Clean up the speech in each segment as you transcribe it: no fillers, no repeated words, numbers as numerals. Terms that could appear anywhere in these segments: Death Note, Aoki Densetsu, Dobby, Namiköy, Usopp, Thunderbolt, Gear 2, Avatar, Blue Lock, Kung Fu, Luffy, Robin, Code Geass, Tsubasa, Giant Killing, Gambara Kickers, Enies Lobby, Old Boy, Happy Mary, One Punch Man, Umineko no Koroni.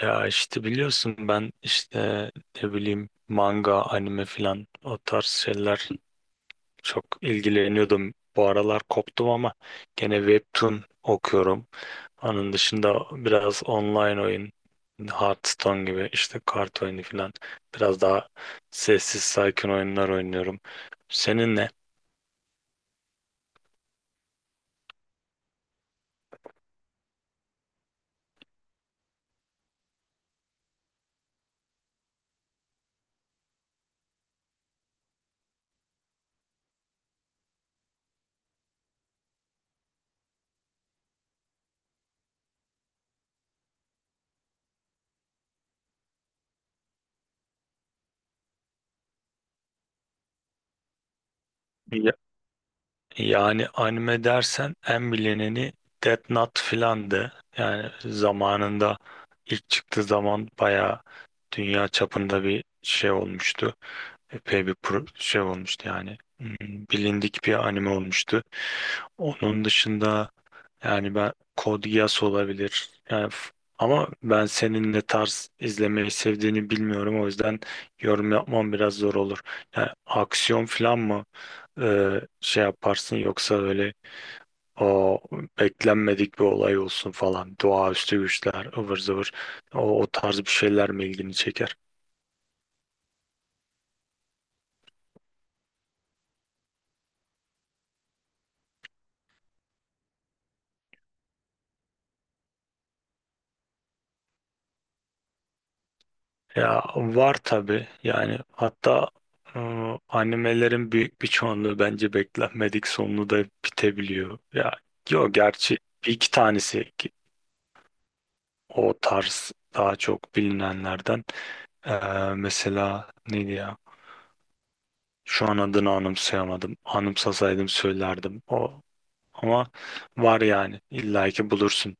Ya işte biliyorsun ben işte ne bileyim manga, anime filan o tarz şeyler çok ilgileniyordum. Bu aralar koptum ama gene webtoon okuyorum. Onun dışında biraz online oyun, Hearthstone gibi işte kart oyunu filan biraz daha sessiz sakin oyunlar oynuyorum. Senin ne? Yani anime dersen en bilineni Death Note filandı. Yani zamanında ilk çıktığı zaman bayağı dünya çapında bir şey olmuştu. Epey bir şey olmuştu yani. Bilindik bir anime olmuştu. Onun dışında yani ben Code Geass olabilir. Yani ama ben senin ne tarz izlemeyi sevdiğini bilmiyorum. O yüzden yorum yapmam biraz zor olur. Yani aksiyon falan mı? Şey yaparsın yoksa öyle o beklenmedik bir olay olsun falan, doğaüstü güçler ıvır zıvır, o tarz bir şeyler mi ilgini çeker? Ya var tabii yani, hatta e, animelerin büyük bir çoğunluğu bence beklenmedik sonlu da bitebiliyor. Ya yok gerçi bir iki tanesi ki, o tarz daha çok bilinenlerden. E, Mesela neydi ya? Şu an adını anımsayamadım. Anımsasaydım söylerdim. Ama var yani. İlla ki bulursun.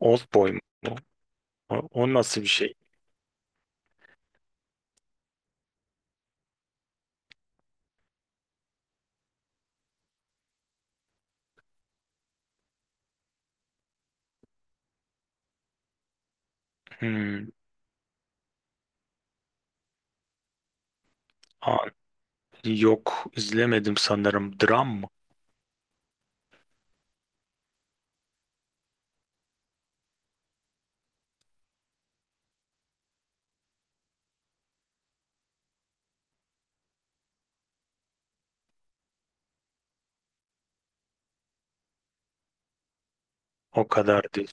Old Boy mu? O nasıl bir şey? Hmm, aa, Yok, izlemedim sanırım. Dram mı? O kadar değil.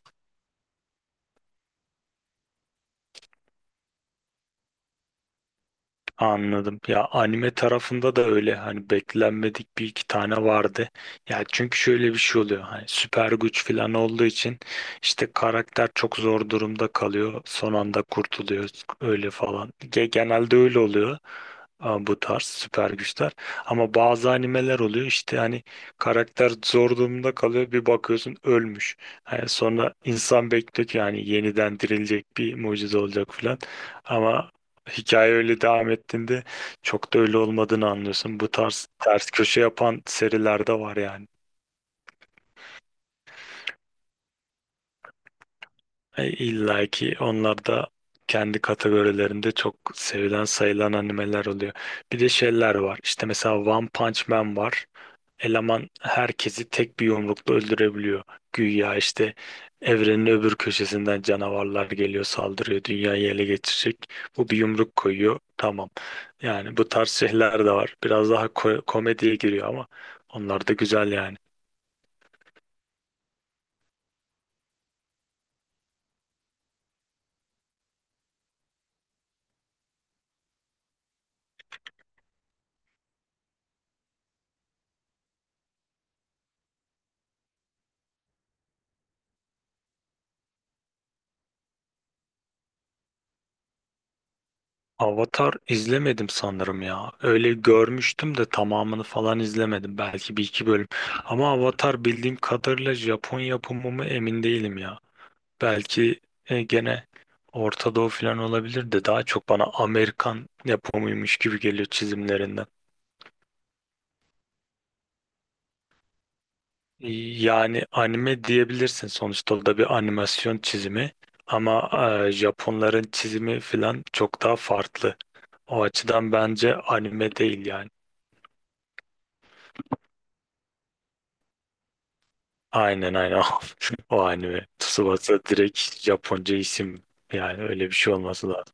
Anladım. Ya anime tarafında da öyle hani, beklenmedik bir iki tane vardı. Ya çünkü şöyle bir şey oluyor. Hani süper güç falan olduğu için işte karakter çok zor durumda kalıyor, son anda kurtuluyor öyle falan. Genelde öyle oluyor. Bu tarz süper güçler. Ama bazı animeler oluyor işte hani, karakter zor durumda kalıyor, bir bakıyorsun ölmüş. Yani sonra insan bekliyor ki yani, yeniden dirilecek, bir mucize olacak falan. Ama hikaye öyle devam ettiğinde çok da öyle olmadığını anlıyorsun. Bu tarz ters köşe yapan seriler de var yani. İlla ki onlar da kendi kategorilerinde çok sevilen, sayılan animeler oluyor. Bir de şeyler var. İşte mesela One Punch Man var. Eleman herkesi tek bir yumrukla öldürebiliyor. Güya işte evrenin öbür köşesinden canavarlar geliyor, saldırıyor, dünyayı ele geçirecek. Bu bir yumruk koyuyor. Tamam. Yani bu tarz şeyler de var. Biraz daha komediye giriyor ama onlar da güzel yani. Avatar izlemedim sanırım ya. Öyle görmüştüm de tamamını falan izlemedim. Belki bir iki bölüm. Ama Avatar bildiğim kadarıyla Japon yapımı mı, emin değilim ya. Belki gene Orta Doğu falan olabilir de, daha çok bana Amerikan yapımıymış gibi geliyor çizimlerinden. Yani anime diyebilirsin, sonuçta o da bir animasyon çizimi. Ama Japonların çizimi falan çok daha farklı. O açıdan bence anime değil yani. Aynen, aynen, o anime. Tsubasa direkt Japonca isim, yani öyle bir şey olması lazım.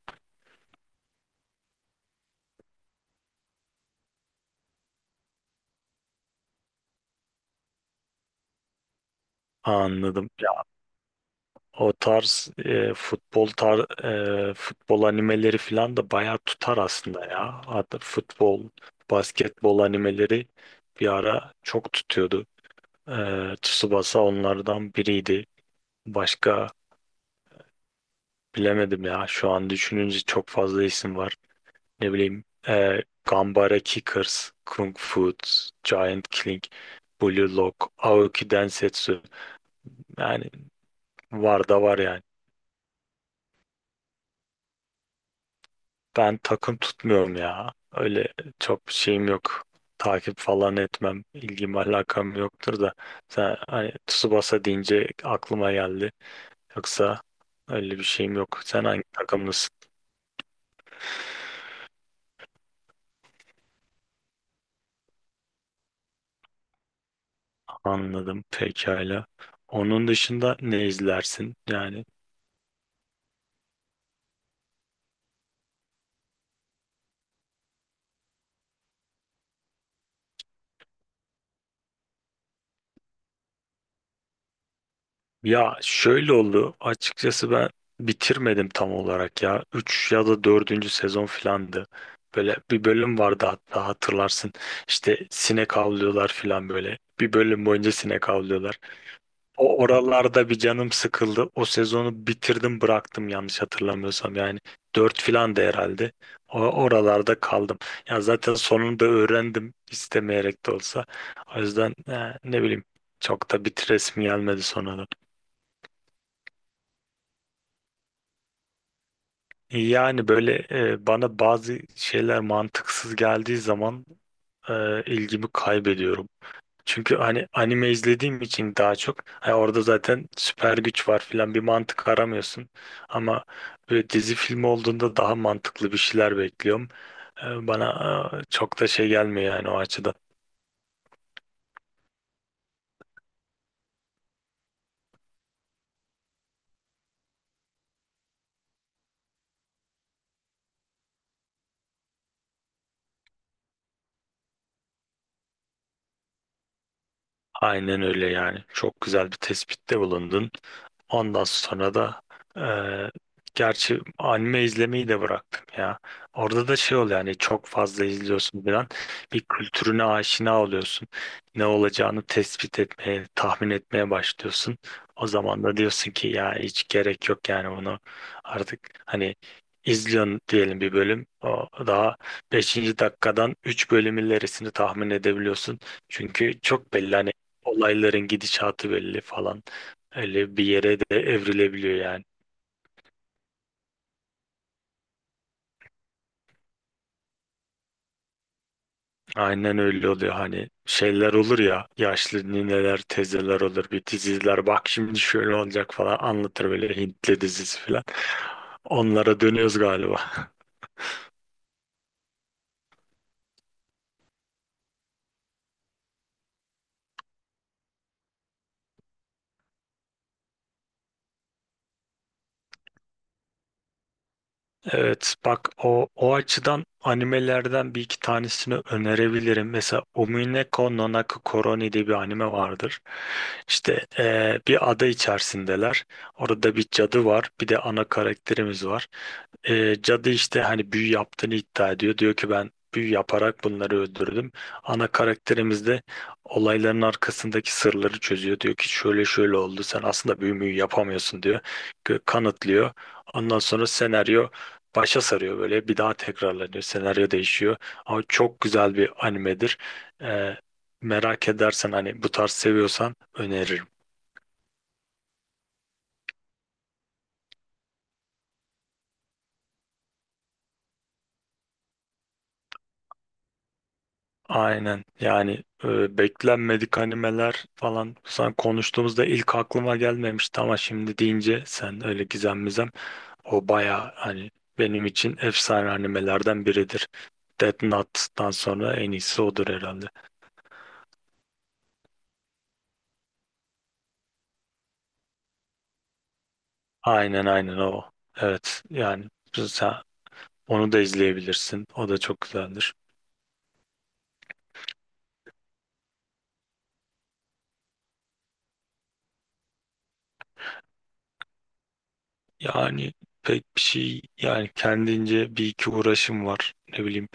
Anladım. O tarz futbol animeleri falan da bayağı tutar aslında ya. Hatta futbol, basketbol animeleri bir ara çok tutuyordu. Tsubasa onlardan biriydi. Başka bilemedim ya. Şu an düşününce çok fazla isim var. Ne bileyim Gambara Kickers, Kung Fu, Giant Killing, Blue Lock, Aoki Densetsu. Yani var da var yani. Ben takım tutmuyorum ya. Öyle çok şeyim yok. Takip falan etmem. İlgim alakam yoktur da. Sen hani Tsubasa deyince aklıma geldi. Yoksa öyle bir şeyim yok. Sen hangi takımlısın? Anladım. Pekala. Onun dışında ne izlersin? Yani, ya şöyle oldu. Açıkçası ben bitirmedim tam olarak ya. Üç ya da dördüncü sezon filandı. Böyle bir bölüm vardı, hatta hatırlarsın. İşte sinek avlıyorlar filan böyle. Bir bölüm boyunca sinek avlıyorlar. O oralarda bir canım sıkıldı. O sezonu bitirdim, bıraktım yanlış hatırlamıyorsam. Yani 4 filan da herhalde. O oralarda kaldım. Ya zaten sonunda öğrendim istemeyerek de olsa. O yüzden ne bileyim, çok da bitiresim gelmedi sonra. Yani böyle bana bazı şeyler mantıksız geldiği zaman ilgimi kaybediyorum. Çünkü hani anime izlediğim için daha çok, ha, orada zaten süper güç var filan, bir mantık aramıyorsun. Ama böyle dizi filmi olduğunda daha mantıklı bir şeyler bekliyorum. Bana çok da şey gelmiyor yani o açıdan. Aynen öyle yani. Çok güzel bir tespitte bulundun. Ondan sonra da eee, gerçi anime izlemeyi de bıraktım ya. Orada da şey oluyor yani, çok fazla izliyorsun falan. Bir kültürüne aşina oluyorsun. Ne olacağını tespit etmeye, tahmin etmeye başlıyorsun. O zaman da diyorsun ki ya hiç gerek yok yani, bunu artık hani izliyorsun diyelim bir bölüm. O daha beşinci dakikadan 3 bölüm ilerisini tahmin edebiliyorsun. Çünkü çok belli hani, olayların gidişatı belli falan. Öyle bir yere de evrilebiliyor yani. Aynen öyle oluyor, hani şeyler olur ya, yaşlı nineler teyzeler olur bir, diziler bak şimdi şöyle olacak falan anlatır, böyle Hintli dizisi falan. Onlara dönüyoruz galiba. Evet bak, o açıdan animelerden bir iki tanesini önerebilirim. Mesela Umineko no Koroni diye bir anime vardır. İşte bir ada içerisindeler. Orada bir cadı var. Bir de ana karakterimiz var. Cadı işte hani büyü yaptığını iddia ediyor. Diyor ki ben büyü yaparak bunları öldürdüm. Ana karakterimiz de olayların arkasındaki sırları çözüyor. Diyor ki şöyle şöyle oldu. Sen aslında büyü müyü yapamıyorsun diyor. Kanıtlıyor. Ondan sonra senaryo başa sarıyor, böyle bir daha tekrarlanıyor, senaryo değişiyor, ama çok güzel bir animedir. Ee, merak edersen hani bu tarz seviyorsan öneririm. Aynen yani, beklenmedik animeler falan sen konuştuğumuzda ilk aklıma gelmemişti ama şimdi deyince sen öyle gizem mizem, o baya hani benim için efsane animelerden biridir. Death Note'dan sonra en iyisi odur herhalde. Aynen, aynen o. Evet yani sen onu da izleyebilirsin. O da çok güzeldir. Yani pek bir şey yani, kendince bir iki uğraşım var. Ne bileyim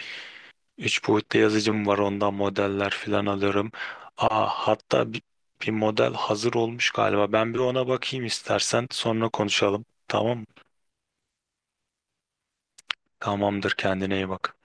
üç boyutlu yazıcım var, ondan modeller falan alıyorum. Hatta bir model hazır olmuş galiba. Ben bir ona bakayım istersen, sonra konuşalım. Tamam mı? Tamamdır, kendine iyi bak.